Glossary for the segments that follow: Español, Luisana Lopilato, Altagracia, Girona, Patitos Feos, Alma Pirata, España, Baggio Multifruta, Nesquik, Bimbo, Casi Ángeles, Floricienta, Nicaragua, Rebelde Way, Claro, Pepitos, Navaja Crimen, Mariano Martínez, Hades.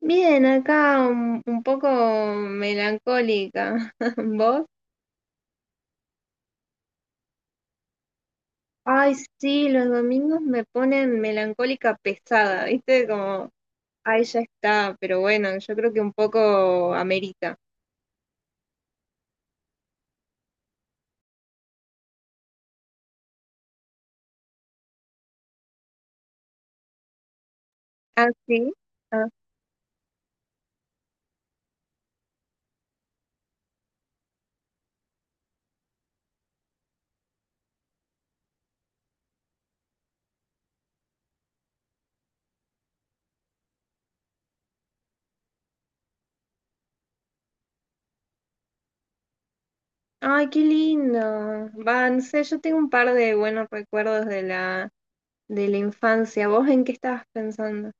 Bien, acá un poco melancólica. ¿Vos? Ay, sí, los domingos me ponen melancólica pesada, ¿viste? Como, ay, ya está, pero bueno, yo creo que un poco amerita. ¿Ah, sí? Ah. Ay, qué lindo. Va, no sé, yo tengo un par de buenos recuerdos de de la infancia. ¿Vos en qué estabas pensando?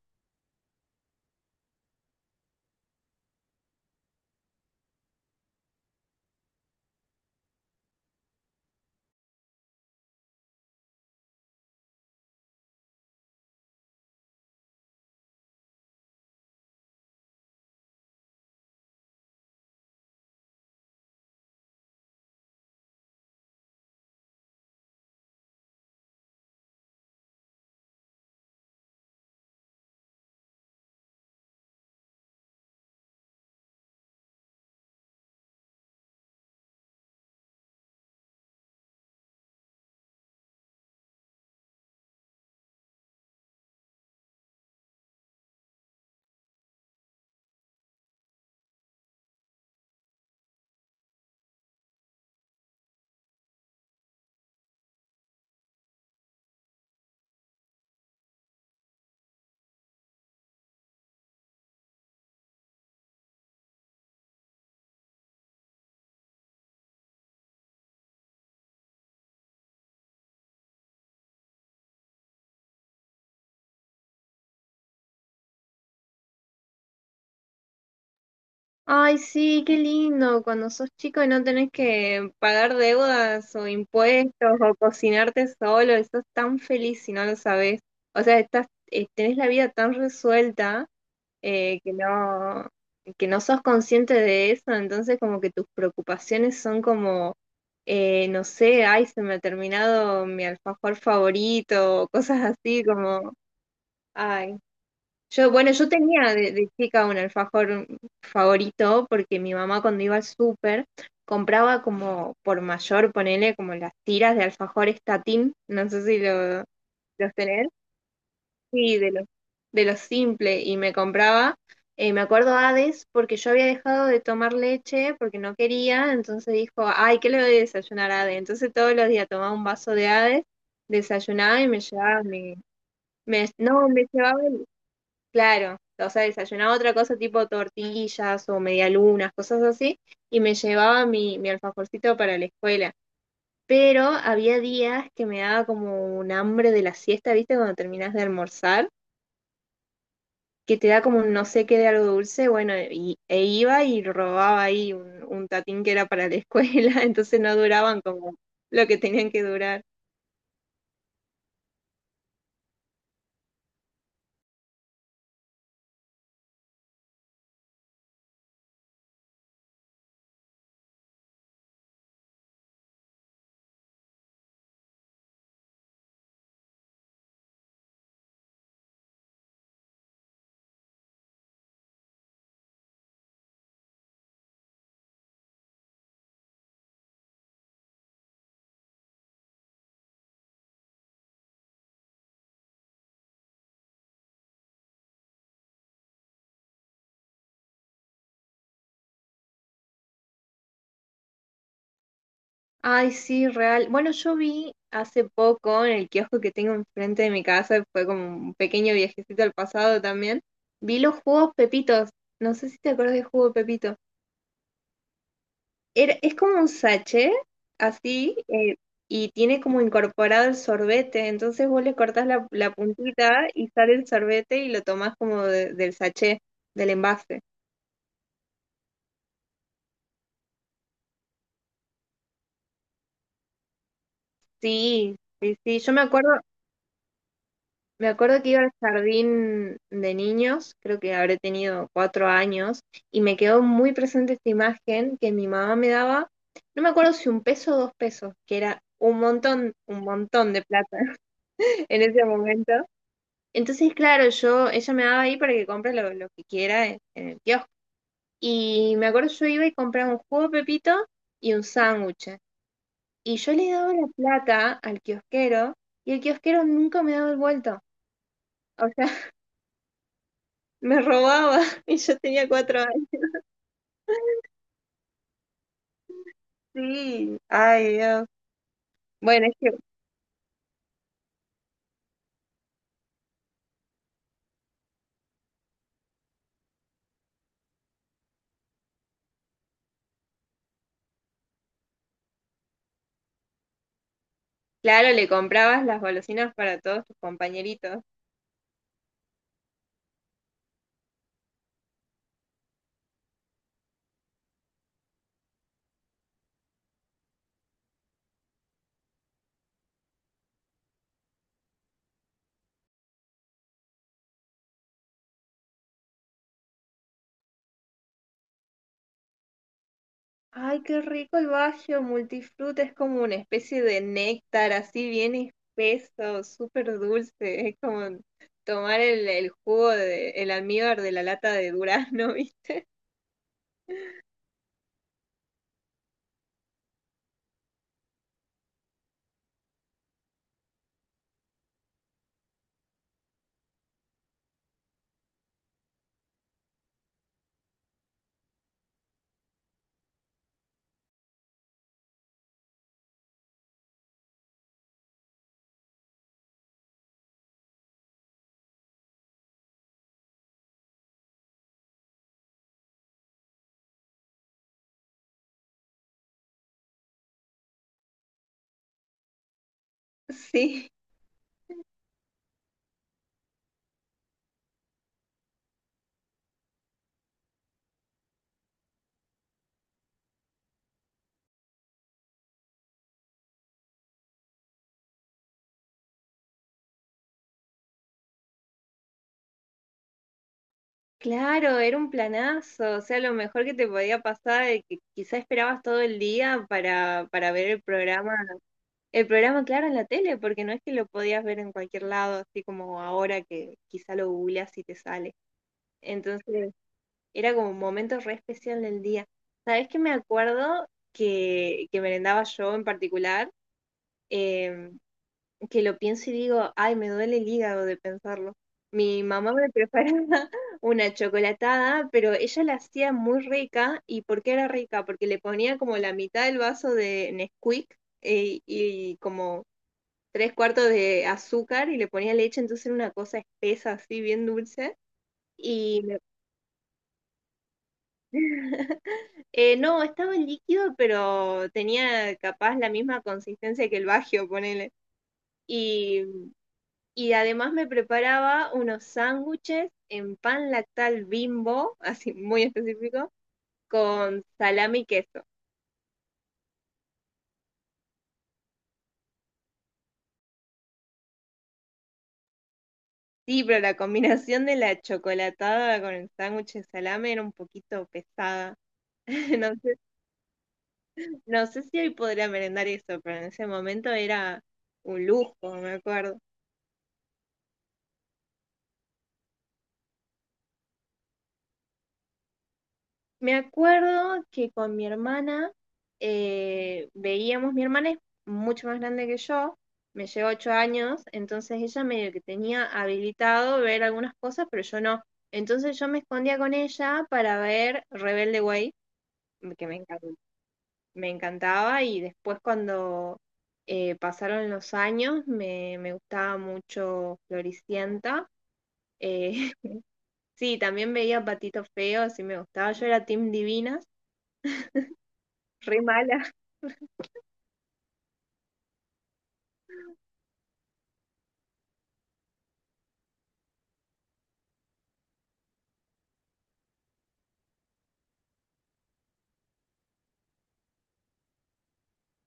Ay, sí, qué lindo, cuando sos chico y no tenés que pagar deudas o impuestos o cocinarte solo, estás tan feliz si no lo sabés. O sea, estás, tenés la vida tan resuelta eh, que no, que no sos consciente de eso, entonces como que tus preocupaciones son como, no sé, ay, se me ha terminado mi alfajor favorito, o cosas así como, ay. Yo, bueno, yo tenía de chica un alfajor favorito porque mi mamá cuando iba al súper compraba como por mayor, ponele como las tiras de alfajor estatín, no sé si lo, los tenés, sí, de los simple y me compraba, me acuerdo Hades porque yo había dejado de tomar leche porque no quería, entonces dijo, ay, ¿qué le doy a desayunar a Hades? Entonces todos los días tomaba un vaso de Hades, desayunaba y me llevaba mi, me, no, me llevaba. Claro, o sea, desayunaba otra cosa tipo tortillas o medialunas, cosas así, y me llevaba mi alfajorcito para la escuela. Pero había días que me daba como un hambre de la siesta, ¿viste? Cuando terminas de almorzar, que te da como un no sé qué de algo dulce, bueno, y, e iba y robaba ahí un tatín que era para la escuela, entonces no duraban como lo que tenían que durar. Ay, sí, real. Bueno, yo vi hace poco en el kiosco que tengo enfrente de mi casa, fue como un pequeño viajecito al pasado también, vi los jugos Pepitos. No sé si te acuerdas del jugo Pepito. Es como un sachet, así, y tiene como incorporado el sorbete. Entonces vos le cortás la puntita y sale el sorbete y lo tomás del sachet, del envase. Sí, sí, sí. Yo me acuerdo. Me acuerdo que iba al jardín de niños, creo que habré tenido 4 años, y me quedó muy presente esta imagen que mi mamá me daba, no me acuerdo si un peso o dos pesos, que era un montón de plata en ese momento. Entonces, claro, yo, ella me daba ahí para que compre lo que quiera en el kiosco. Y me acuerdo yo iba y compraba un jugo de Pepito y un sándwich. Y yo le daba la plata al kiosquero y el kiosquero nunca me daba el vuelto. O sea, me robaba y yo tenía 4 años. Sí, ay Dios. Bueno, es que, claro, le comprabas las golosinas para todos tus compañeritos. Ay, qué rico el Baggio Multifruta, es como una especie de néctar, así bien espeso, súper dulce, es como tomar el jugo de, el almíbar de la lata de durazno, ¿viste? Sí, claro, era un planazo, o sea, lo mejor que te podía pasar es que quizá esperabas todo el día para ver el programa. El programa, claro, en la tele, porque no es que lo podías ver en cualquier lado, así como ahora que quizá lo googleas y te sale. Entonces, era como un momento re especial del día. ¿Sabes qué me acuerdo que merendaba yo en particular? Eh, que lo pienso y digo, ay, me duele el hígado de pensarlo. Mi mamá me preparaba una chocolatada, pero ella la hacía muy rica. ¿Y por qué era rica? Porque le ponía como la mitad del vaso de Nesquik, y como tres cuartos de azúcar y le ponía leche, entonces era una cosa espesa, así, bien dulce. Y me- no, estaba en líquido, pero tenía capaz la misma consistencia que el Baggio, ponele. Y, y además me preparaba unos sándwiches en pan lactal Bimbo, así muy específico, con salami y queso. Sí, pero la combinación de la chocolatada con el sándwich de salame era un poquito pesada. No sé. No sé si hoy podría merendar eso, pero en ese momento era un lujo, me acuerdo. Me acuerdo que con mi hermana veíamos, mi hermana es mucho más grande que yo, me lleva 8 años, entonces ella medio que tenía habilitado ver algunas cosas, pero yo no. Entonces yo me escondía con ella para ver Rebelde Way, que me encan- me encantaba, y después cuando pasaron los años me gustaba mucho Floricienta. Eh, sí, también veía Patitos Feos, sí me gustaba. Yo era Team Divinas, re mala.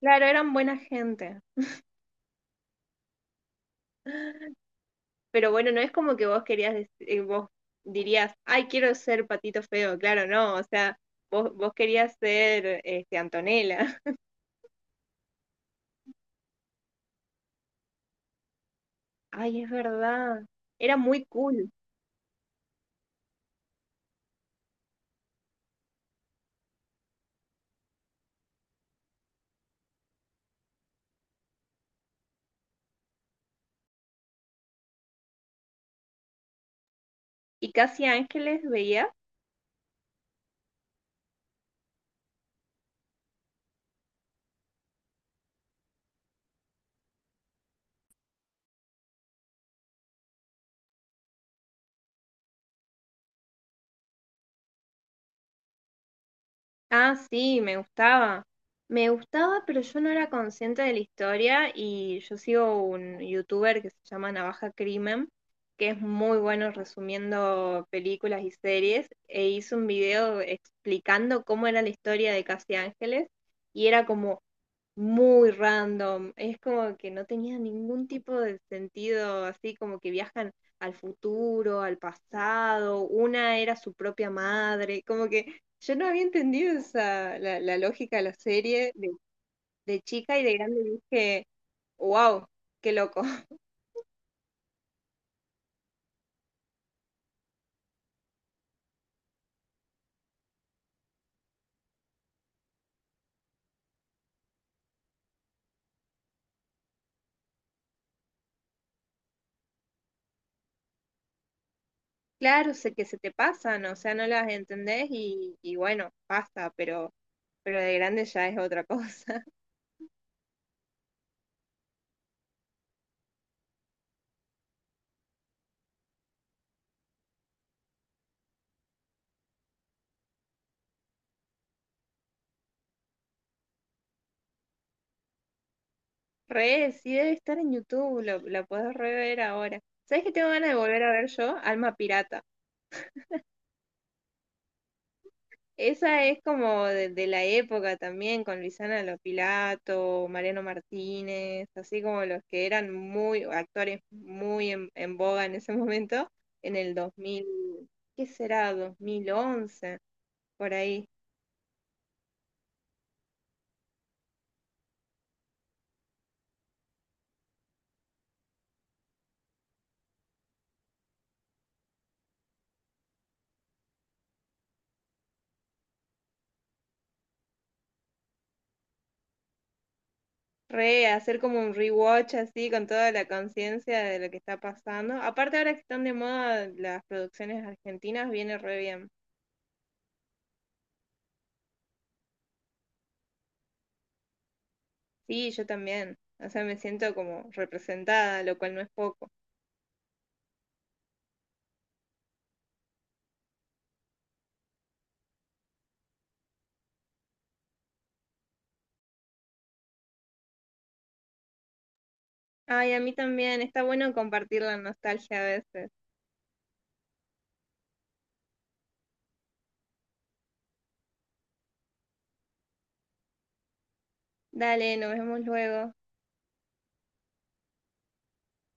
Claro, eran buena gente. Pero bueno, no es como que vos querías, vos dirías, ay, quiero ser Patito Feo. Claro, no, o sea, vos querías ser este, Antonella. Ay, es verdad. Era muy cool. ¿Y Casi Ángeles veías? Ah, sí, me gustaba. Me gustaba, pero yo no era consciente de la historia y yo sigo un youtuber que se llama Navaja Crimen, que es muy bueno resumiendo películas y series, e hizo un video explicando cómo era la historia de Casi Ángeles y era como, muy random. Es como que no tenía ningún tipo de sentido, así como que viajan al futuro, al pasado, una era su propia madre, como que yo no había entendido esa, la lógica de la serie de chica y de grande dije, wow, qué loco. Claro, sé que se te pasan, o sea, no las entendés y bueno, pasa, pero de grande ya es otra cosa. Re, sí debe estar en YouTube, lo, la puedes rever ahora. ¿Sabes qué tengo ganas de volver a ver yo? Alma Pirata. Esa es como de la época también, con Luisana Lopilato, Mariano Martínez, así como los que eran muy, actores muy en boga en ese momento, en el 2000, ¿qué será? 2011, por ahí. Re, hacer como un rewatch así con toda la conciencia de lo que está pasando. Aparte ahora que están de moda las producciones argentinas, viene re bien. Sí, yo también. O sea, me siento como representada, lo cual no es poco. Ay, a mí también. Está bueno compartir la nostalgia a veces. Dale, nos vemos luego.